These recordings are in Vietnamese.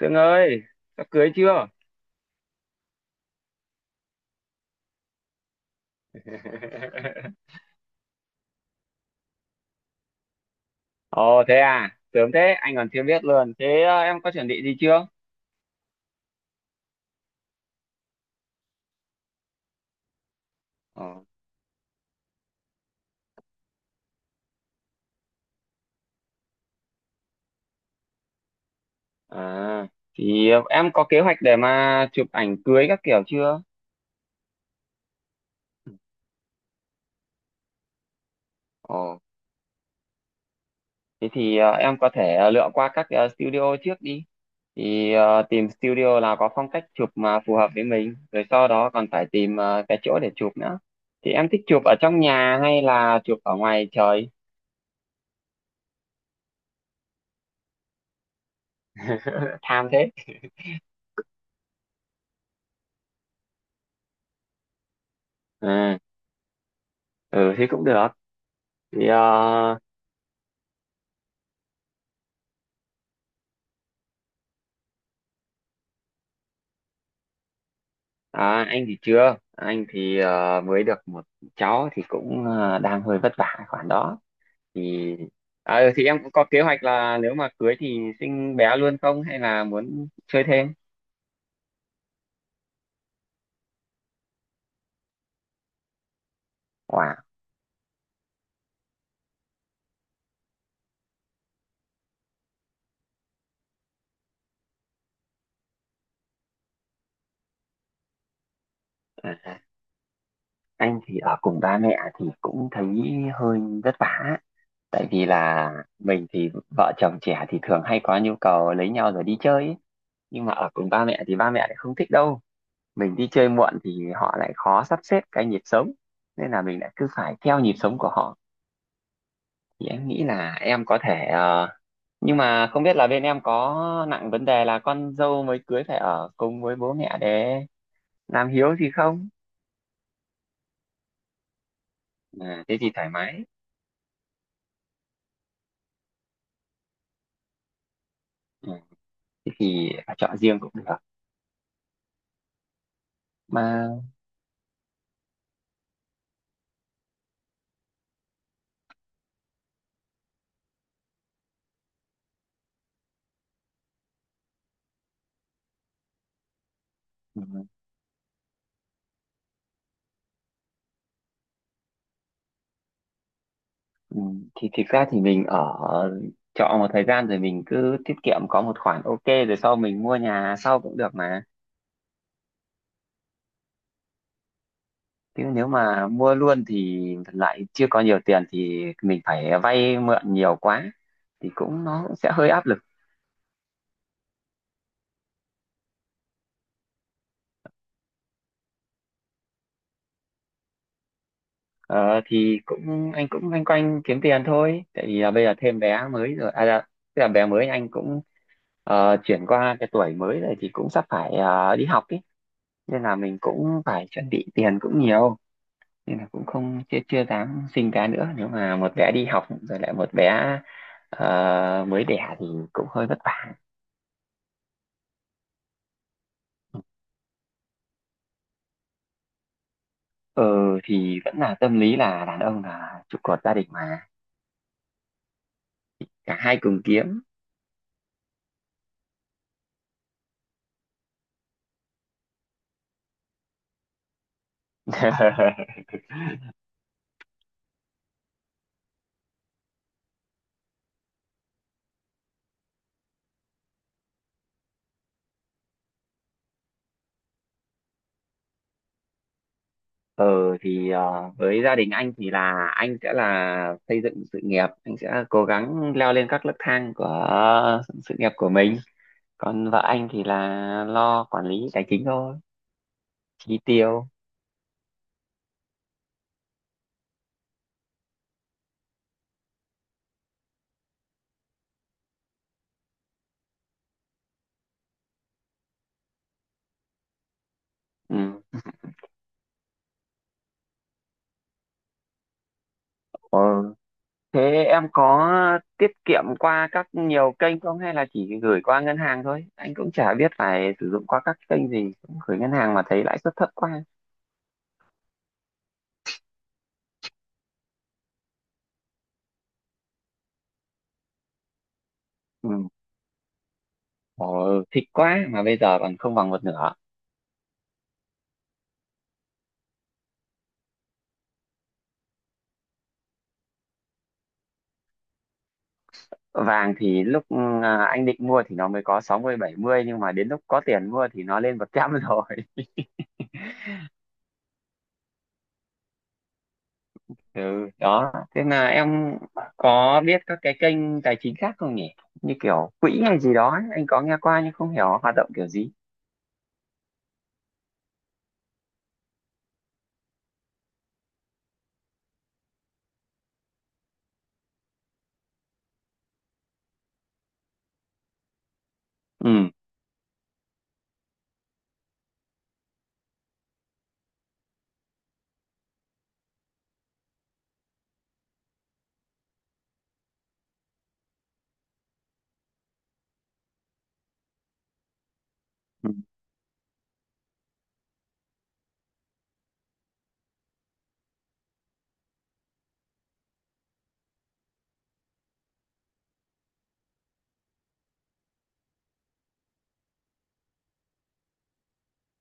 Sương ơi, sắp cưới chưa? Ồ thế à, sớm thế, anh còn chưa biết luôn. Thế em có chuẩn bị gì chưa? Ờ. À, thì em có kế hoạch để mà chụp ảnh cưới các kiểu chưa? Ồ, thế thì em có thể lựa qua các studio trước đi. Thì tìm studio nào có phong cách chụp mà phù hợp với mình, rồi sau đó còn phải tìm cái chỗ để chụp nữa. Thì em thích chụp ở trong nhà hay là chụp ở ngoài trời? Tham thế. À, ừ thì cũng được. Thì à, anh thì chưa, anh thì mới được một cháu thì cũng đang hơi vất vả khoản đó. Thì thì em cũng có kế hoạch là nếu mà cưới thì sinh bé luôn không hay là muốn chơi thêm? Wow. À, anh thì ở cùng ba mẹ thì cũng thấy hơi vất vả. Tại vì là mình thì vợ chồng trẻ thì thường hay có nhu cầu lấy nhau rồi đi chơi ấy. Nhưng mà ở cùng ba mẹ thì ba mẹ lại không thích đâu. Mình đi chơi muộn thì họ lại khó sắp xếp cái nhịp sống, nên là mình lại cứ phải theo nhịp sống của họ. Thì em nghĩ là em có thể nhưng mà không biết là bên em có nặng vấn đề là con dâu mới cưới phải ở cùng với bố mẹ để làm hiếu gì không. À, thế thì thoải mái. Ừ, thế thì chọn riêng cũng được mà. Ừ, ừ, thì thực ra thì mình ở trọ một thời gian rồi mình cứ tiết kiệm có một khoản ok rồi sau mình mua nhà sau cũng được mà. Thế nếu mà mua luôn thì lại chưa có nhiều tiền thì mình phải vay mượn nhiều quá, thì cũng nó cũng sẽ hơi áp lực. Ờ, thì cũng anh cũng loanh quanh kiếm tiền thôi. Tại vì là bây giờ thêm bé mới rồi, à, dạ, tức là bé mới anh cũng chuyển qua cái tuổi mới rồi thì cũng sắp phải đi học ý. Nên là mình cũng phải chuẩn bị tiền cũng nhiều. Nên là cũng không chưa chưa dám sinh bé nữa. Nếu mà một bé đi học rồi lại một bé mới đẻ thì cũng hơi vất vả. Ờ thì vẫn là tâm lý là đàn ông là trụ cột gia đình mà, cả hai cùng kiếm. Ờ thì với gia đình anh thì là anh sẽ là xây dựng sự nghiệp, anh sẽ cố gắng leo lên các nấc thang của sự nghiệp của mình, còn vợ anh thì là lo quản lý tài chính thôi, chi tiêu. Ừ. Ờ. Thế em có tiết kiệm qua các nhiều kênh không hay là chỉ gửi qua ngân hàng thôi? Anh cũng chả biết phải sử dụng qua các kênh gì, cũng gửi ngân hàng mà thấy lãi suất thấp quá. Ừ. Ồ, thích quá mà bây giờ còn không bằng một nửa. Vàng thì lúc à, anh định mua thì nó mới có 60 70 nhưng mà đến lúc có tiền mua thì nó lên 100 rồi. Ừ, đó. Thế là em có biết các cái kênh tài chính khác không nhỉ? Như kiểu quỹ hay gì đó ấy. Anh có nghe qua nhưng không hiểu hoạt động kiểu gì. Ừ. Ừ.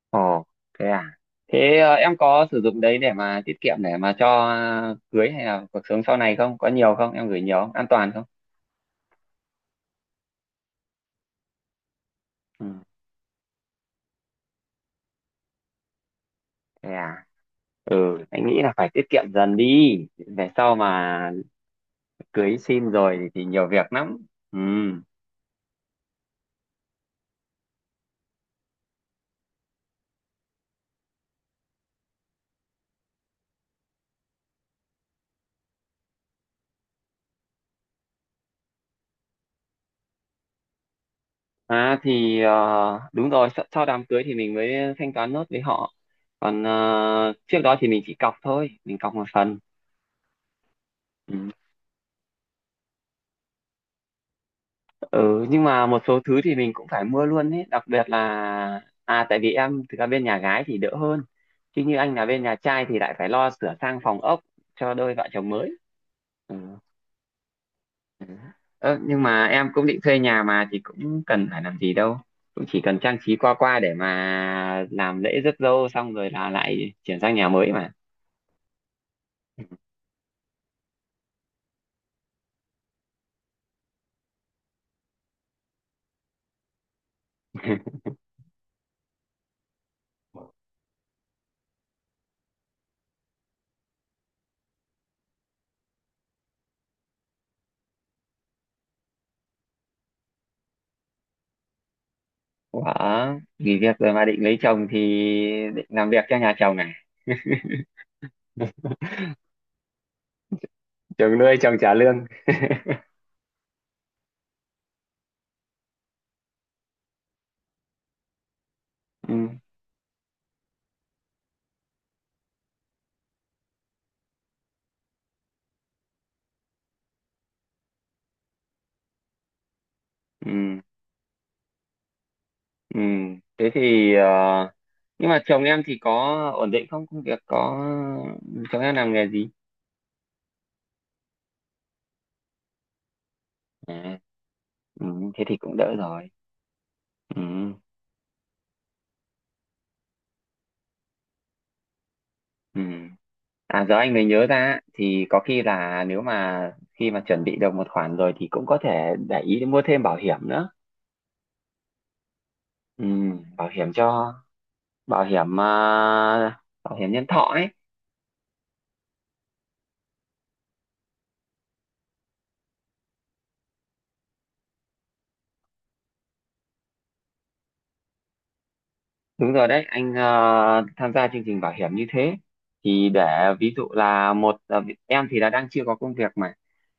Ồ, thế à. Thế em có sử dụng đấy để mà tiết kiệm để mà cho cưới hay là cuộc sống sau này không? Có nhiều không? Em gửi nhiều không? An toàn không? Ừ. Thế à. Ừ, anh nghĩ là phải tiết kiệm dần đi, về sau mà cưới xin rồi thì nhiều việc lắm. Ừ, à thì đúng rồi, sau sau đám cưới thì mình mới thanh toán nốt với họ, còn trước đó thì mình chỉ cọc thôi, mình cọc một phần. Ừ. Ừ, nhưng mà một số thứ thì mình cũng phải mua luôn ấy, đặc biệt là à, tại vì em thực ra bên nhà gái thì đỡ hơn, chứ như anh là bên nhà trai thì lại phải lo sửa sang phòng ốc cho đôi vợ chồng mới. Ừ. Ừ. Ơ, nhưng mà em cũng định thuê nhà mà thì cũng cần phải làm gì đâu, cũng chỉ cần trang trí qua qua để mà làm lễ rước dâu xong rồi là lại chuyển sang nhà mới mà. Ủa, nghỉ việc rồi mà định lấy chồng thì định làm việc cho nhà chồng à? Chồng nuôi, chồng trả lương. Ừ, ừ, ừ. Thế thì nhưng mà chồng em thì có ổn định không, công việc có, chồng em làm nghề gì? À, ừ, thế thì cũng đỡ rồi. Ừ, ừ. À giờ anh mới nhớ ra, thì có khi là nếu mà khi mà chuẩn bị được một khoản rồi thì cũng có thể để ý mua thêm bảo hiểm nữa. Ừ, bảo hiểm cho, bảo hiểm à, bảo hiểm nhân thọ ấy. Đúng rồi đấy, anh à, tham gia chương trình bảo hiểm như thế, thì để ví dụ là một à, em thì là đang chưa có công việc mà,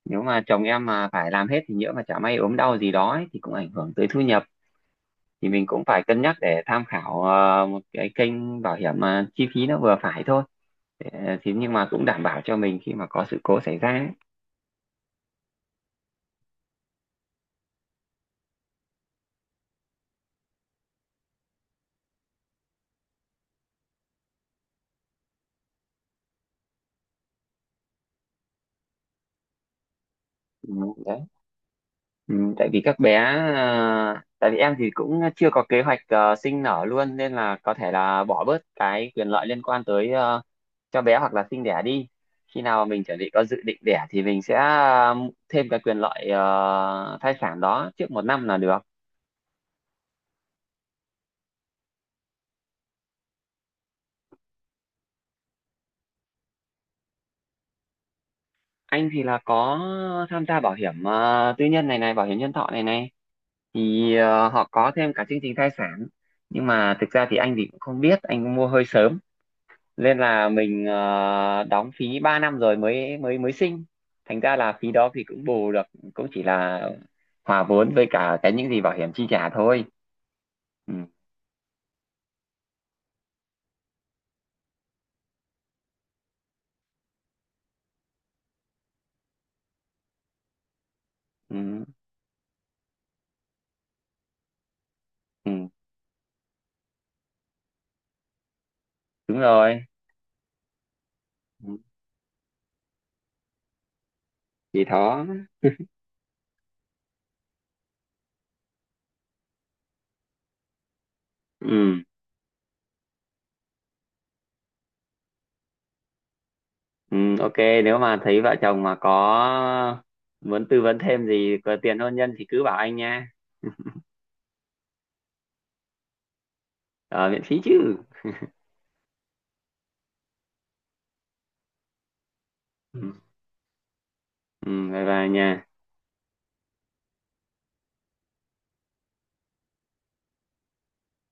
nếu mà chồng em mà phải làm hết thì nhỡ mà chả may ốm đau gì đó ấy, thì cũng ảnh hưởng tới thu nhập. Thì mình cũng phải cân nhắc để tham khảo một cái kênh bảo hiểm mà chi phí nó vừa phải thôi. Thì nhưng mà cũng đảm bảo cho mình khi mà có sự cố xảy ra ấy. Ừ, đấy. Ừ, tại vì các bé tại vì em thì cũng chưa có kế hoạch sinh nở luôn, nên là có thể là bỏ bớt cái quyền lợi liên quan tới cho bé hoặc là sinh đẻ đi, khi nào mình chuẩn bị có dự định đẻ thì mình sẽ thêm cái quyền lợi thai sản đó trước một năm là được. Anh thì là có tham gia bảo hiểm tư nhân này này, bảo hiểm nhân thọ này này, thì họ có thêm cả chương trình thai sản. Nhưng mà thực ra thì anh thì cũng không biết, anh cũng mua hơi sớm, nên là mình đóng phí 3 năm rồi mới mới mới sinh, thành ra là phí đó thì cũng bù được, cũng chỉ là hòa vốn với cả cái những gì bảo hiểm chi trả thôi. Ừ, ừ, ừ, đúng rồi. Ừ, thì đó. Ừ. Ừ, ok, nếu mà thấy vợ chồng mà có muốn tư vấn thêm gì, có tiền hôn nhân thì cứ bảo anh nha. Ở miễn phí chứ. Ừ, ừ, bye bye nha.